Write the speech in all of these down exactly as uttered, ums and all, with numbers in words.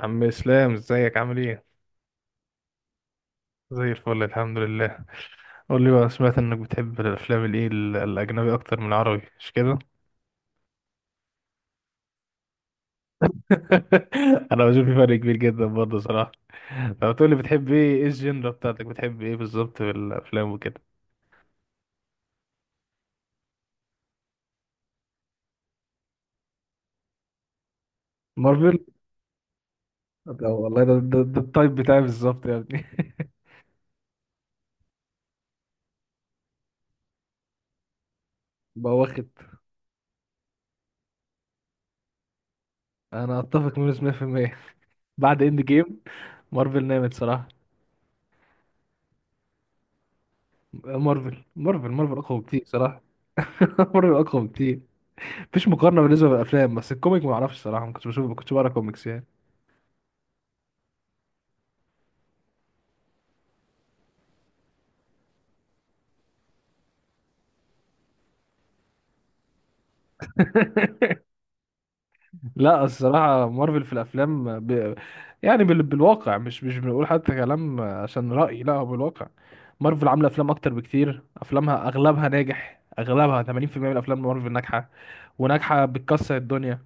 عم اسلام، ازيك؟ عامل ايه؟ زي الفل، الحمد لله. قول لي بقى، سمعت انك بتحب الافلام الايه ال- الاجنبي اكتر من العربي، مش كده؟ انا بشوف في فرق كبير جدا برضه صراحه. لو تقول لي، بتحب ايه ايه الجينرا بتاعتك، بتحب ايه بالظبط في الافلام وكده؟ مارفل. لا والله، ده ده, ده التايب بتاعي بالظبط يا ابني. بقى واخد. انا اتفق منه مية بالمية. بعد اند جيم مارفل نامت صراحه. مارفل مارفل مارفل اقوى بكتير صراحه. مارفل اقوى بكتير. مفيش مقارنه بالنسبه للافلام، بس الكوميك ما اعرفش الصراحه، ما كنتش بشوف، ما كنتش بقرا كوميكس يعني. لا الصراحه، مارفل في الافلام ب... يعني بال... بالواقع، مش مش بنقول حتى كلام عشان راي، لا هو بالواقع. مارفل عامله افلام اكتر بكتير، افلامها اغلبها ناجح، اغلبها تمانين في المية من افلام مارفل ناجحه، وناجحه بتكسر الدنيا.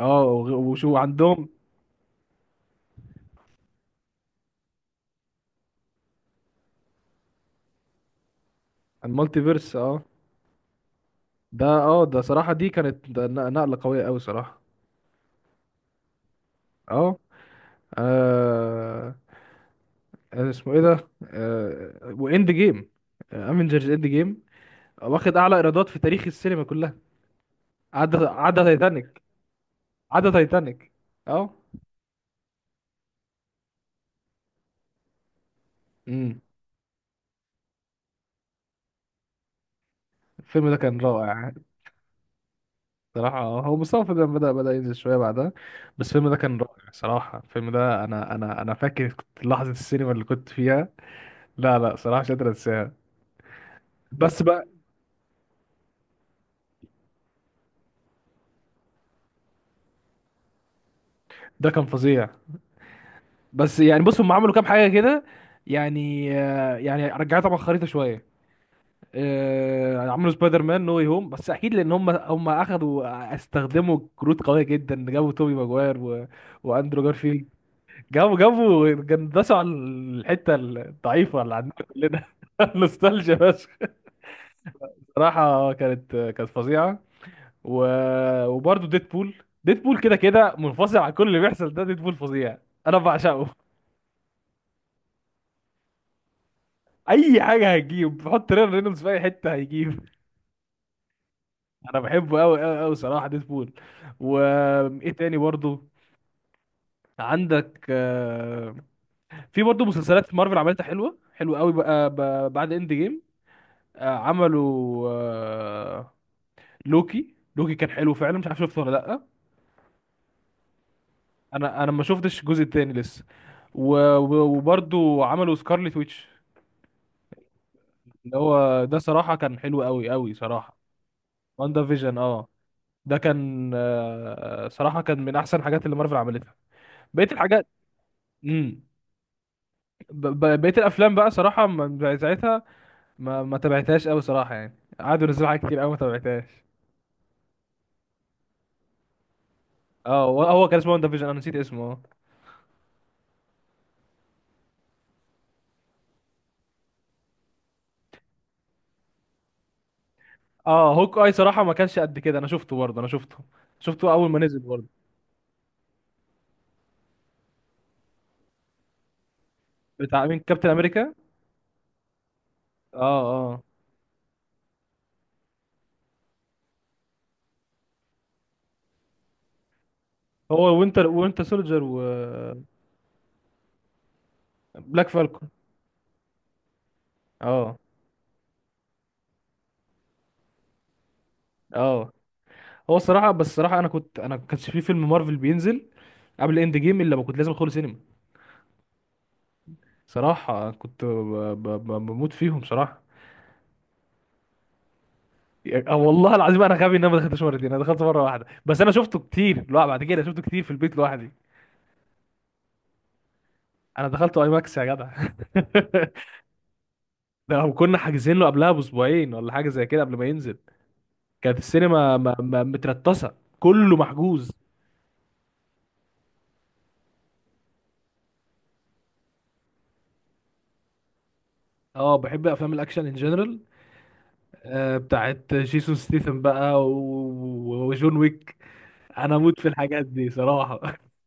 اه، وغ- وشو عندهم؟ المالتي فيرس، اه. ده اه ده صراحه، دي كانت، ده ن- نقله قويه قوي صراحه. اه آه، آه، اسمه ايه ده آه واند جيم، افنجرز اند جيم، واخد اعلى ايرادات في تاريخ السينما كلها. عدى عدى تايتانيك. عدى تايتانيك. اه. امم. الفيلم ده كان رائع يعني. صراحة، آه، هو مستوى الفيلم بدأ بدأ ينزل شوية بعدها، بس الفيلم ده كان رائع صراحة. الفيلم ده أنا أنا أنا فاكر كنت لحظة السينما اللي كنت فيها. لا لا، صراحة مش قادر أنساها. بس بقى، ده كان فظيع. بس يعني بص، هم عملوا كام حاجة كده. يعني آه، يعني رجعت طبعا خريطة شوية. آه، عملوا سبايدر مان نو واي هوم، بس اكيد لان هم هم اخذوا، استخدموا كروت قويه جدا. جابوا توبي ماجواير و واندرو جارفيلد. جابوا جابوا جندسوا على الحته الضعيفه اللي عندنا كلنا. نوستالجيا بس. صراحه كانت، كانت فظيعه. و... وبرده ديدبول. ديدبول كده كده منفصل عن كل اللي بيحصل، ده ديدبول فظيع. انا بعشقه. اي حاجه هيجيب، بحط ريان رينولدز في اي حته هيجيب. انا بحبه قوي قوي قوي صراحه، ديدبول. وايه تاني برضه عندك؟ آه، في برضه مسلسلات في مارفل عملتها حلوه حلوه قوي بقى، ب- بعد اند جيم. آه، عملوا آه، لوكي لوكي كان حلو فعلا، مش عارف شفته ولا لا. انا انا ما شفتش الجزء التاني لسه. و- و- وبرضه عملوا سكارلت ويتش، اللي هو ده صراحه كان حلو قوي قوي صراحه. واندا فيجن، اه. ده كان آه، صراحه كان من احسن الحاجات اللي مارفل عملتها. بقيه الحاجات. امم. ب- ب- بقيه الافلام بقى صراحه من- ساعتها ما ما تابعتهاش قوي صراحه يعني، قعدوا ينزلوا حاجات كتير قوي ما تابعتهاش. اه، هو هو كان اسمه وان ديفيجن، انا نسيت اسمه، اه. اه هوك اي، صراحه ما كانش قد كده، انا شفته برضه، انا شفته، شفته اول ما نزل برضه. بتاع مين؟ كابتن امريكا. اه، اه، هو وينتر وينتر سولجر وبلاك فالكون. اه. اه هو الصراحه، بس الصراحه انا كنت انا ما كانش في فيلم مارفل بينزل قبل اند جيم الا ما كنت لازم ادخله سينما. صراحه كنت ب- ب- ب- بموت فيهم صراحه. آه، والله العظيم انا غبي ان انا ما دخلتش مرتين، انا دخلت مره واحده بس، انا شفته كتير. لا، بعد كده شفته كتير في البيت لوحدي. انا دخلت اي ماكس يا جدع. ده هم كنا حاجزين له قبلها باسبوعين ولا حاجه زي كده قبل ما ينزل. كانت السينما م- م- مترتصه، كله محجوز. اه، بحب افلام الاكشن ان جنرال. آه بتاعت جيسون ستيثم بقى، و- وجون ويك. انا اموت في الحاجات دي صراحه.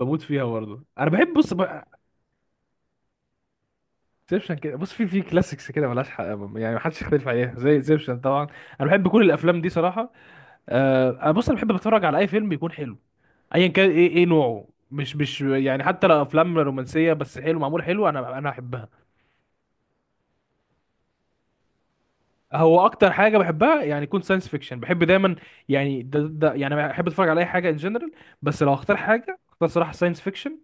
بموت فيها برضه. انا بحب، بص، زيبشن كده، بص، في في كلاسيكس كده ملهاش حق، يعني محدش يختلف عليها زي زيبشن طبعا. انا بحب كل الافلام دي صراحه. آه انا بص، انا بحب اتفرج على اي فيلم يكون حلو، ايا كان ايه ايه نوعه، مش مش يعني حتى لو افلام رومانسيه، بس حلو معمول حلو انا انا احبها. هو اكتر حاجه بحبها يعني يكون ساينس فيكشن، بحب دايما، يعني ده, ده يعني بحب اتفرج على اي حاجه ان جنرال، بس لو اختار حاجه، اختار صراحه ساينس فيكشن.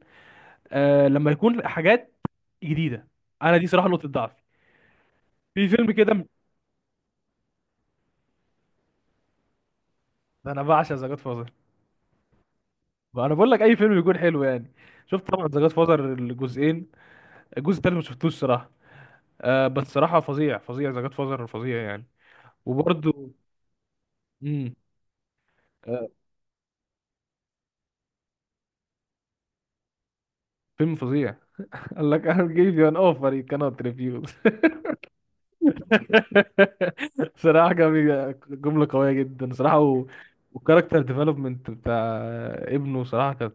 آه لما يكون حاجات جديده. انا دي صراحه نقطه ضعفي. في فيلم كده، ده انا بعشق ذا جاد. انا بقول لك اي فيلم بيكون حلو يعني. شفت طبعا ذا جاد فازر الجزئين. الجزء التالت ما شفتوش صراحه. آه بس صراحه، فظيع فظيع، ذا جاد فازر فظيع يعني. وبرده. امم. آه فيلم فظيع. قال لك: I'll give you an offer you cannot refuse. صراحه جميل، جمله قويه جدا صراحه. و... والكاركتر ديفلوبمنت بتاع ابنه صراحه كانت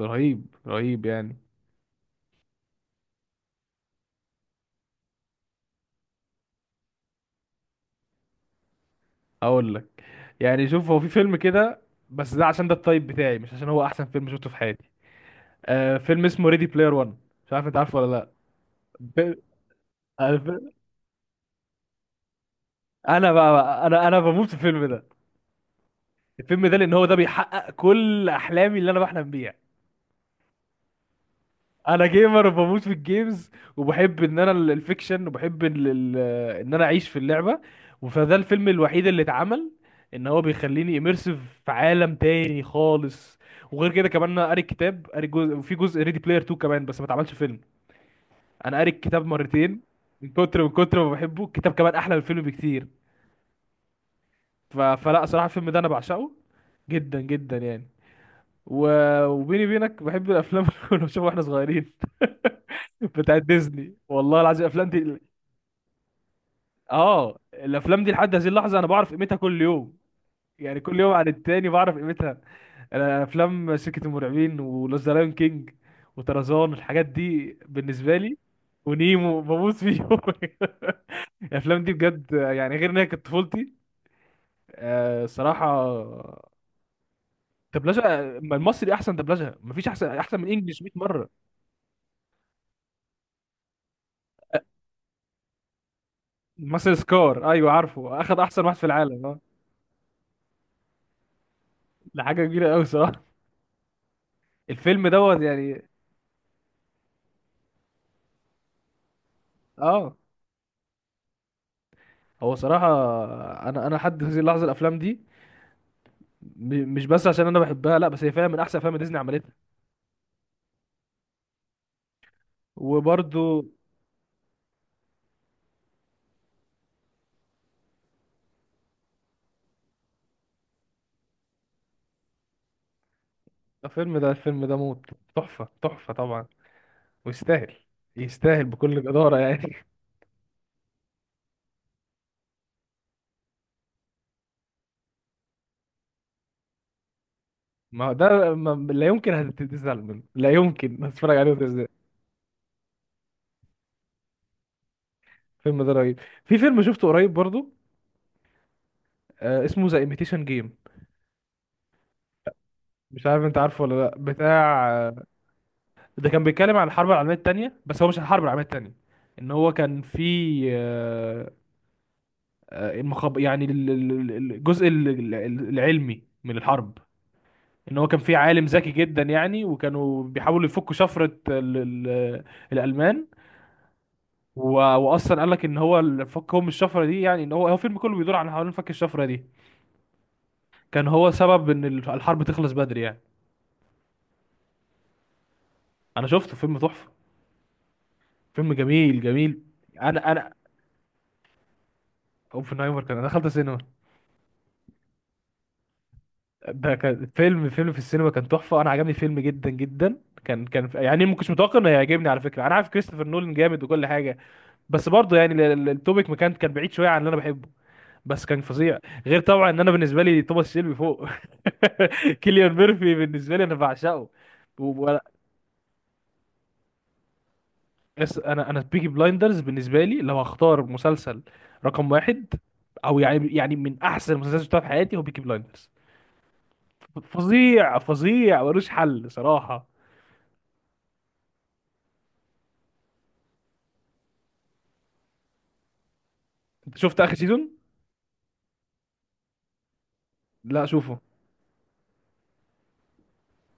رهيب رهيب يعني. هقول لك، يعني شوف، هو في فيلم كده بس ده عشان ده التايب بتاعي، مش عشان هو احسن فيلم شفته في حياتي. آه، فيلم اسمه ريدي بلاير ون، مش عارف انت عارفه ولا لا. ب- عارف- انا بقى, بقى انا انا بموت في الفيلم ده، الفيلم ده، لان هو ده بيحقق كل احلامي اللي انا بحلم بيها. انا جيمر وبموت في الجيمز، وبحب ان انا ال- الفيكشن، وبحب ال- ال- ان انا اعيش في اللعبه. فده الفيلم الوحيد اللي اتعمل ان هو بيخليني اميرسيف في عالم تاني خالص. وغير كده كمان، انا قاري الكتاب، قاري جزء، وفي جزء ريدي بلاير اتنين كمان بس ما اتعملش فيلم. انا قاري الكتاب مرتين، من كتر من كتر ما بحبه. الكتاب كمان احلى من الفيلم بكتير. ف... فلا صراحه، الفيلم ده انا بعشقه جدا جدا يعني. و... وبيني وبينك بحب الافلام اللي كنا بنشوفها واحنا صغيرين. بتاعت ديزني، والله العظيم الافلام دي. اه، الافلام دي لحد هذه اللحظه انا بعرف قيمتها كل يوم، يعني كل يوم عن التاني بعرف قيمتها. انا افلام شركه المرعبين، وذا لايون كينج، وطرزان، الحاجات دي بالنسبه لي. ونيمو، بموت فيهم. الافلام دي بجد يعني غير ان هي كانت طفولتي. آه، الصراحه دبلجه، ما المصري احسن دبلجه، مفيش احسن احسن من انجلش مية مره. مصري سكار، ايوه عارفه، اخد احسن واحد في العالم، اه. ده حاجه كبيره قوي صراحه. الفيلم دوت يعني. اه، هو صراحه، انا انا لحد هذه اللحظه الافلام دي م- مش بس عشان انا بحبها، لا بس هي فعلا من احسن افلام ديزني عملتها. وبرده، الفيلم ده الفيلم ده موت، تحفه تحفه طبعا، ويستاهل، يستاهل بكل جداره يعني. ما هو ده، ما لا يمكن هتتزعل منه، لا يمكن. هتتفرج عليه وتزعل. الفيلم ده رهيب. في فيلم شفته قريب برضو، آه، اسمه ذا ايميتيشن جيم، مش عارف انت عارفه ولا لا، بتاع آه، ده كان بيتكلم عن الحرب العالميه الثانيه، بس هو مش الحرب العالميه الثانيه، ان هو كان في آه، آه، المخب يعني، ال- ال- ال- الجزء ال- ال- العلمي من الحرب. ان هو كان في عالم ذكي جدا يعني، وكانوا بيحاولوا يفكوا شفره ال- ال- الالمان. و... واصلا قال لك ان هو الفك هم الشفره دي، يعني ان هو هو الفيلم كله بيدور عن حوالين فك الشفره دي. كان هو سبب ان الحرب تخلص بدري يعني. انا شفته فيلم تحفه، فيلم جميل جميل. انا انا اوبنهايمر كان، انا دخلت السينما. ده كان فيلم فيلم في السينما، كان تحفه، انا عجبني فيلم جدا جدا، كان كان يعني ما كنتش متوقع انه هيعجبني على فكره، انا عارف كريستوفر نولان جامد وكل حاجه، بس برضه يعني ال- ال- التوبيك ما كان كان بعيد شويه عن اللي انا بحبه، بس كان فظيع. غير طبعا ان انا بالنسبه لي توماس شيلبي فوق. كيليان ميرفي بالنسبه لي انا بعشقه. و- و- أس- انا انا بيكي بلايندرز بالنسبه لي، لو هختار مسلسل رقم واحد، او يعني يعني من احسن المسلسلات اللي شفتها في حياتي هو بيكي بلايندرز. فظيع فظيع، ملوش حل صراحه. انت شفت اخر سيزون؟ لا شوفه.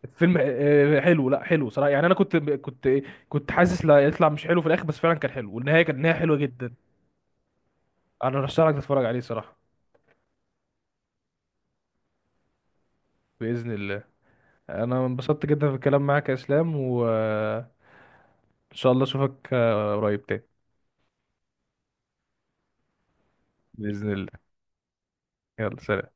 الفيلم آه، حلو، لا حلو صراحه يعني، انا كنت كنت كنت حاسس لا يطلع مش حلو في الاخر، بس فعلا كان حلو، والنهايه كانت نهايه حلوه جدا. انا رشح لك تتفرج عليه صراحه. باذن الله. انا انبسطت جدا في الكلام معاك يا اسلام، وان شاء الله اشوفك آه، قريب تاني. باذن الله. يلا، سلام.